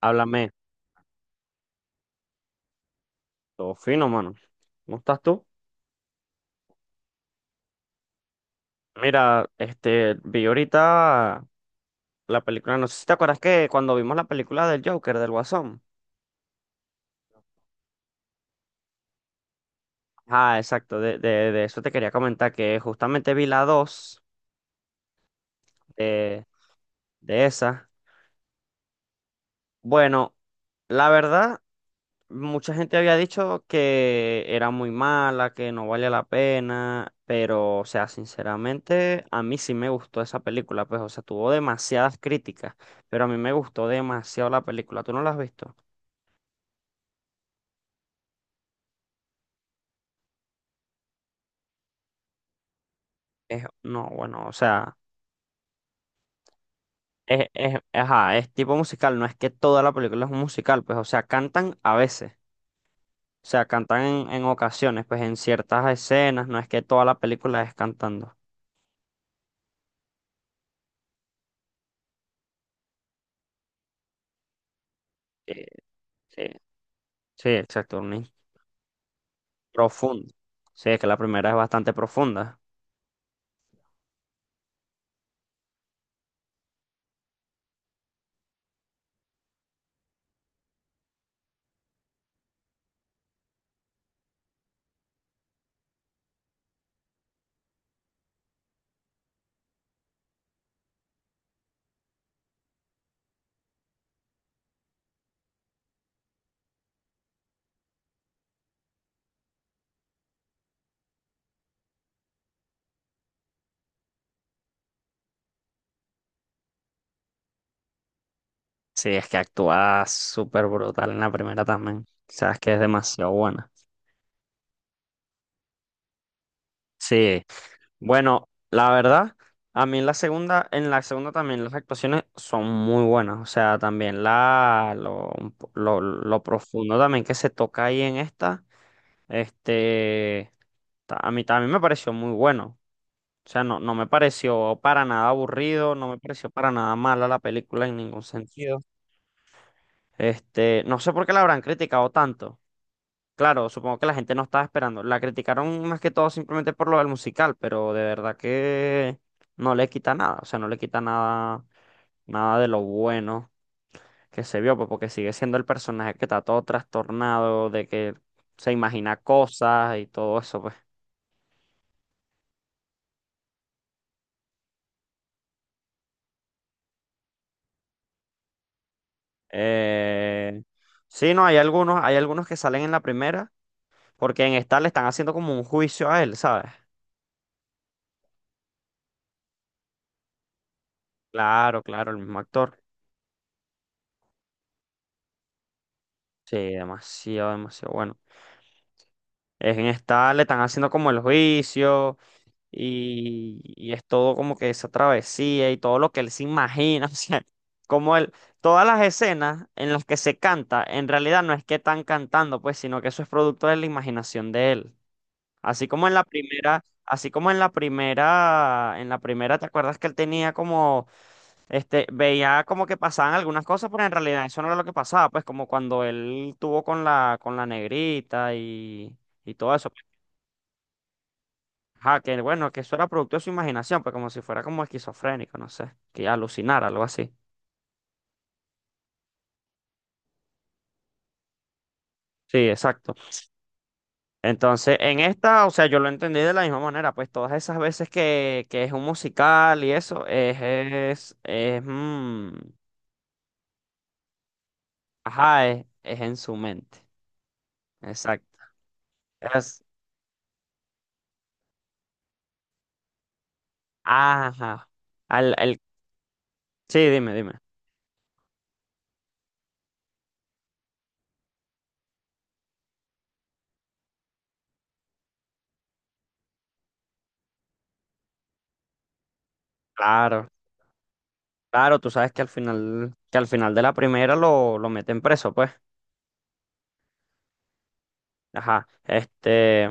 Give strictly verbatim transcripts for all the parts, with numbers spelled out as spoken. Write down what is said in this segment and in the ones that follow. Háblame, todo fino, mano. ¿Cómo estás tú? Mira, este, vi ahorita la película, no sé si te acuerdas que cuando vimos la película del Joker, del Guasón. Ah, exacto, de, de, de eso te quería comentar, que justamente vi la dos de, de esa. Bueno, la verdad, mucha gente había dicho que era muy mala, que no valía la pena, pero, o sea, sinceramente, a mí sí me gustó esa película, pues, o sea, tuvo demasiadas críticas, pero a mí me gustó demasiado la película. ¿Tú no la has visto? Es, no, bueno, o sea, es, es, ajá, es tipo musical, no es que toda la película es un musical, pues, o sea, cantan a veces, o sea, cantan en, en ocasiones, pues, en ciertas escenas, no es que toda la película es cantando. Sí, sí, sí, exacto, una profunda. Sí, es que la primera es bastante profunda. Sí, es que actúa súper brutal en la primera también. O sea, es que es demasiado buena. Sí. Bueno, la verdad, a mí en la segunda, en la segunda también las actuaciones son muy buenas. O sea, también la, lo, lo, lo profundo también que se toca ahí en esta, este, ta- a mí también me pareció muy bueno. O sea, no, no me pareció para nada aburrido, no me pareció para nada mala la película en ningún sentido. Este, no sé por qué la habrán criticado tanto. Claro, supongo que la gente no estaba esperando. La criticaron más que todo simplemente por lo del musical, pero de verdad que no le quita nada. O sea, no le quita nada, nada de lo bueno que se vio, pues, porque sigue siendo el personaje que está todo trastornado, de que se imagina cosas y todo eso, pues. Eh, sí, no, hay algunos, hay algunos que salen en la primera, porque en esta le están haciendo como un juicio a él, ¿sabes? Claro, claro, el mismo actor. Sí, demasiado, demasiado bueno. Es en esta, le están haciendo como el juicio y, y es todo como que esa travesía y todo lo que él se imagina. O sea, como él, todas las escenas en las que se canta, en realidad no es que están cantando, pues, sino que eso es producto de la imaginación de él. Así como en la primera, así como en la primera, en la primera, ¿te acuerdas que él tenía como, este, veía como que pasaban algunas cosas, pero en realidad eso no era lo que pasaba, pues como cuando él tuvo con la, con la negrita y, y todo eso, pues. Ajá, que bueno, que eso era producto de su imaginación, pues como si fuera como esquizofrénico, no sé, que alucinara, algo así. Sí, exacto. Entonces, en esta, o sea, yo lo entendí de la misma manera, pues todas esas veces que, que es un musical y eso, es, es, es, mm, Ajá, es, es en su mente. Exacto. Es, ajá. Al, el, sí, dime, dime. Claro, claro, tú sabes que al final, que al final de la primera lo, lo meten preso, pues. Ajá. Este,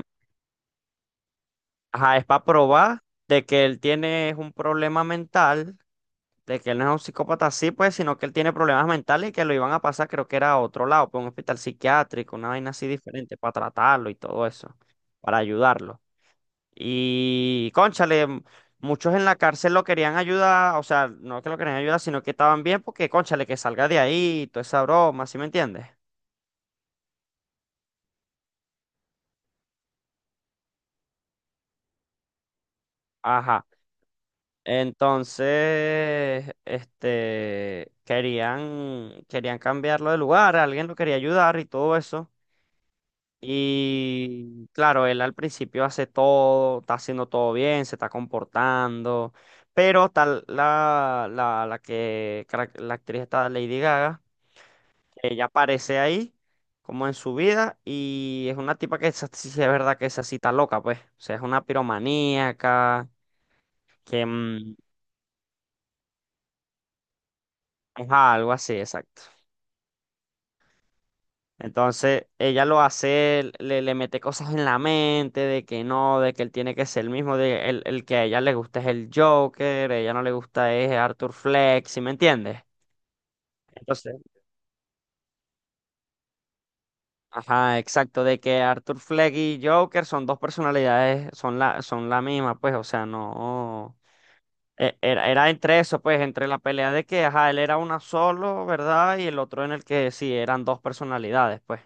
Ajá, es para probar de que él tiene un problema mental, de que él no es un psicópata así, pues, sino que él tiene problemas mentales y que lo iban a pasar, creo que era a otro lado, pues un hospital psiquiátrico, una vaina así diferente, para tratarlo y todo eso, para ayudarlo. Y, cónchale, m- muchos en la cárcel lo querían ayudar, o sea, no que lo querían ayudar, sino que estaban bien porque, cónchale, que salga de ahí, toda esa broma, ¿sí me entiendes? Ajá. Entonces, este, querían, querían cambiarlo de lugar, alguien lo quería ayudar y todo eso. Y claro, él al principio hace todo, está haciendo todo bien, se está comportando, pero tal la, la, la que, carac- la actriz está Lady Gaga. Ella aparece ahí, como en su vida, y es una tipa que esa sí es verdad que esa cita loca, pues. O sea, es una piromaníaca, que mm, es algo así, exacto. Entonces, ella lo hace, le, le mete cosas en la mente de que no, de que él tiene que ser el mismo, de el, el que a ella le gusta es el Joker, a ella no le gusta es Arthur Fleck, ¿sí me entiendes? Entonces, ajá, exacto, de que Arthur Fleck y Joker son dos personalidades, son la, son la misma, pues, o sea, no. E- Era, era entre eso, pues, entre la pelea de que, ajá, él era una solo, ¿verdad? Y el otro en el que sí, eran dos personalidades, pues.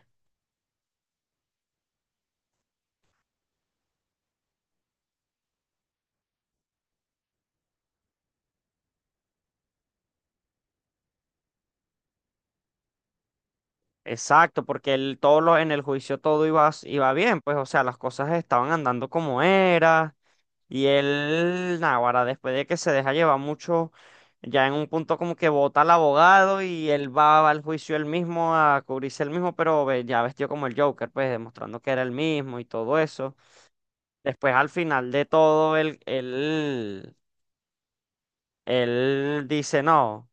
Exacto, porque él, todo lo, en el juicio todo iba, s- iba bien, pues, o sea, las cosas estaban andando como era. Y él, náguara, después de que se deja llevar mucho, ya en un punto como que vota al abogado y él va, al juicio él mismo a cubrirse él mismo, pero ve- ya vestido como el Joker, pues, demostrando que era el mismo y todo eso. Después, al final de todo, él, él él dice, no,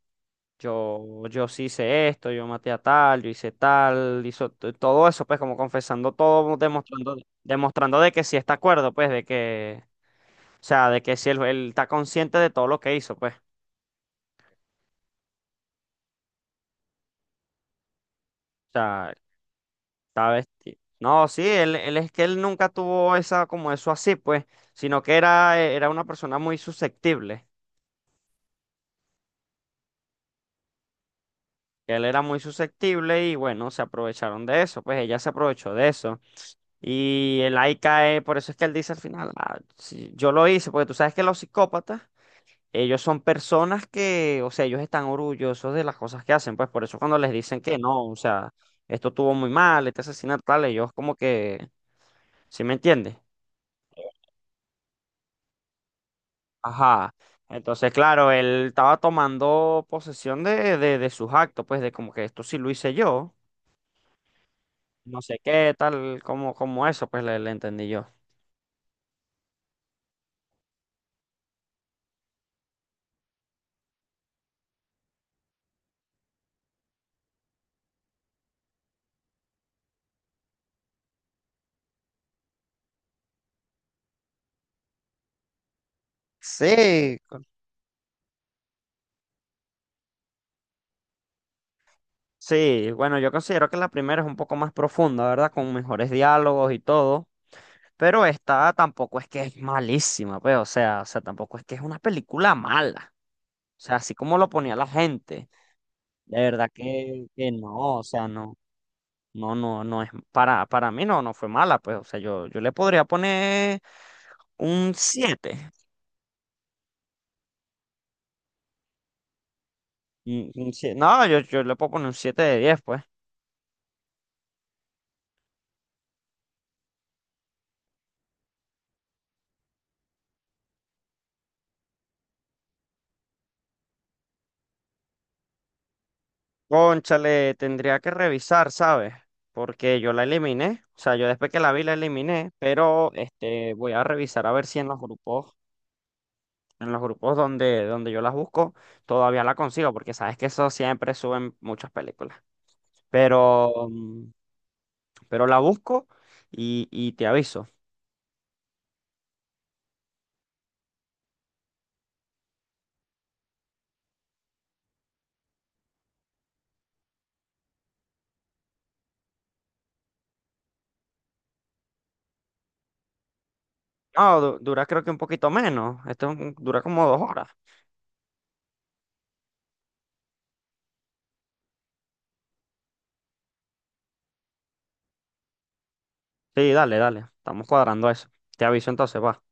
yo, yo sí hice esto, yo maté a tal, yo hice tal, hizo t- todo eso, pues como confesando todo, demostrando, demostrando de que sí está acuerdo, pues de que, o sea, de que sí él, él está consciente de todo lo que hizo, pues, o sea, está vestido. No, sí, él, él es que él nunca tuvo esa, como eso así, pues, sino que era, e, era una persona muy susceptible, él era muy susceptible y bueno, se aprovecharon de eso, pues ella se aprovechó de eso. Y el ahí cae, por eso es que él dice al final, "Ah, sí, yo lo hice, porque tú sabes que los psicópatas, ellos son personas que, o sea, ellos están orgullosos de las cosas que hacen, pues por eso cuando les dicen que no, o sea, esto estuvo muy mal, este asesinato tal, ellos como que, ¿sí me entiendes?" Ajá. Entonces, claro, él estaba tomando posesión de, de, de sus actos, pues de como que esto sí lo hice yo, no sé qué, tal, como, como eso, pues le, le entendí yo. Sí, sí, bueno, yo considero que la primera es un poco más profunda, ¿verdad? Con mejores diálogos y todo. Pero esta tampoco es que es malísima, pues, o sea, o sea, tampoco es que es una película mala. O sea, así como lo ponía la gente, de verdad que, que no, o sea, no, no, no, no es, para, para mí no, no fue mala, pues, o sea, yo, yo le podría poner un siete. Un- un sie- No, yo, yo le puedo poner un siete de diez, pues. Cónchale, tendría que revisar, ¿sabes? Porque yo la eliminé, o sea, yo después que la vi la eliminé, pero este voy a revisar a ver si en los grupos, en los grupos donde, donde yo las busco, todavía la consigo, porque sabes que eso siempre suben muchas películas. Pero, mm, pero la busco y, y te aviso. No, du- dura creo que un poquito menos. Esto es un- dura como dos horas. Sí, dale, dale. Estamos cuadrando eso. Te aviso entonces, va.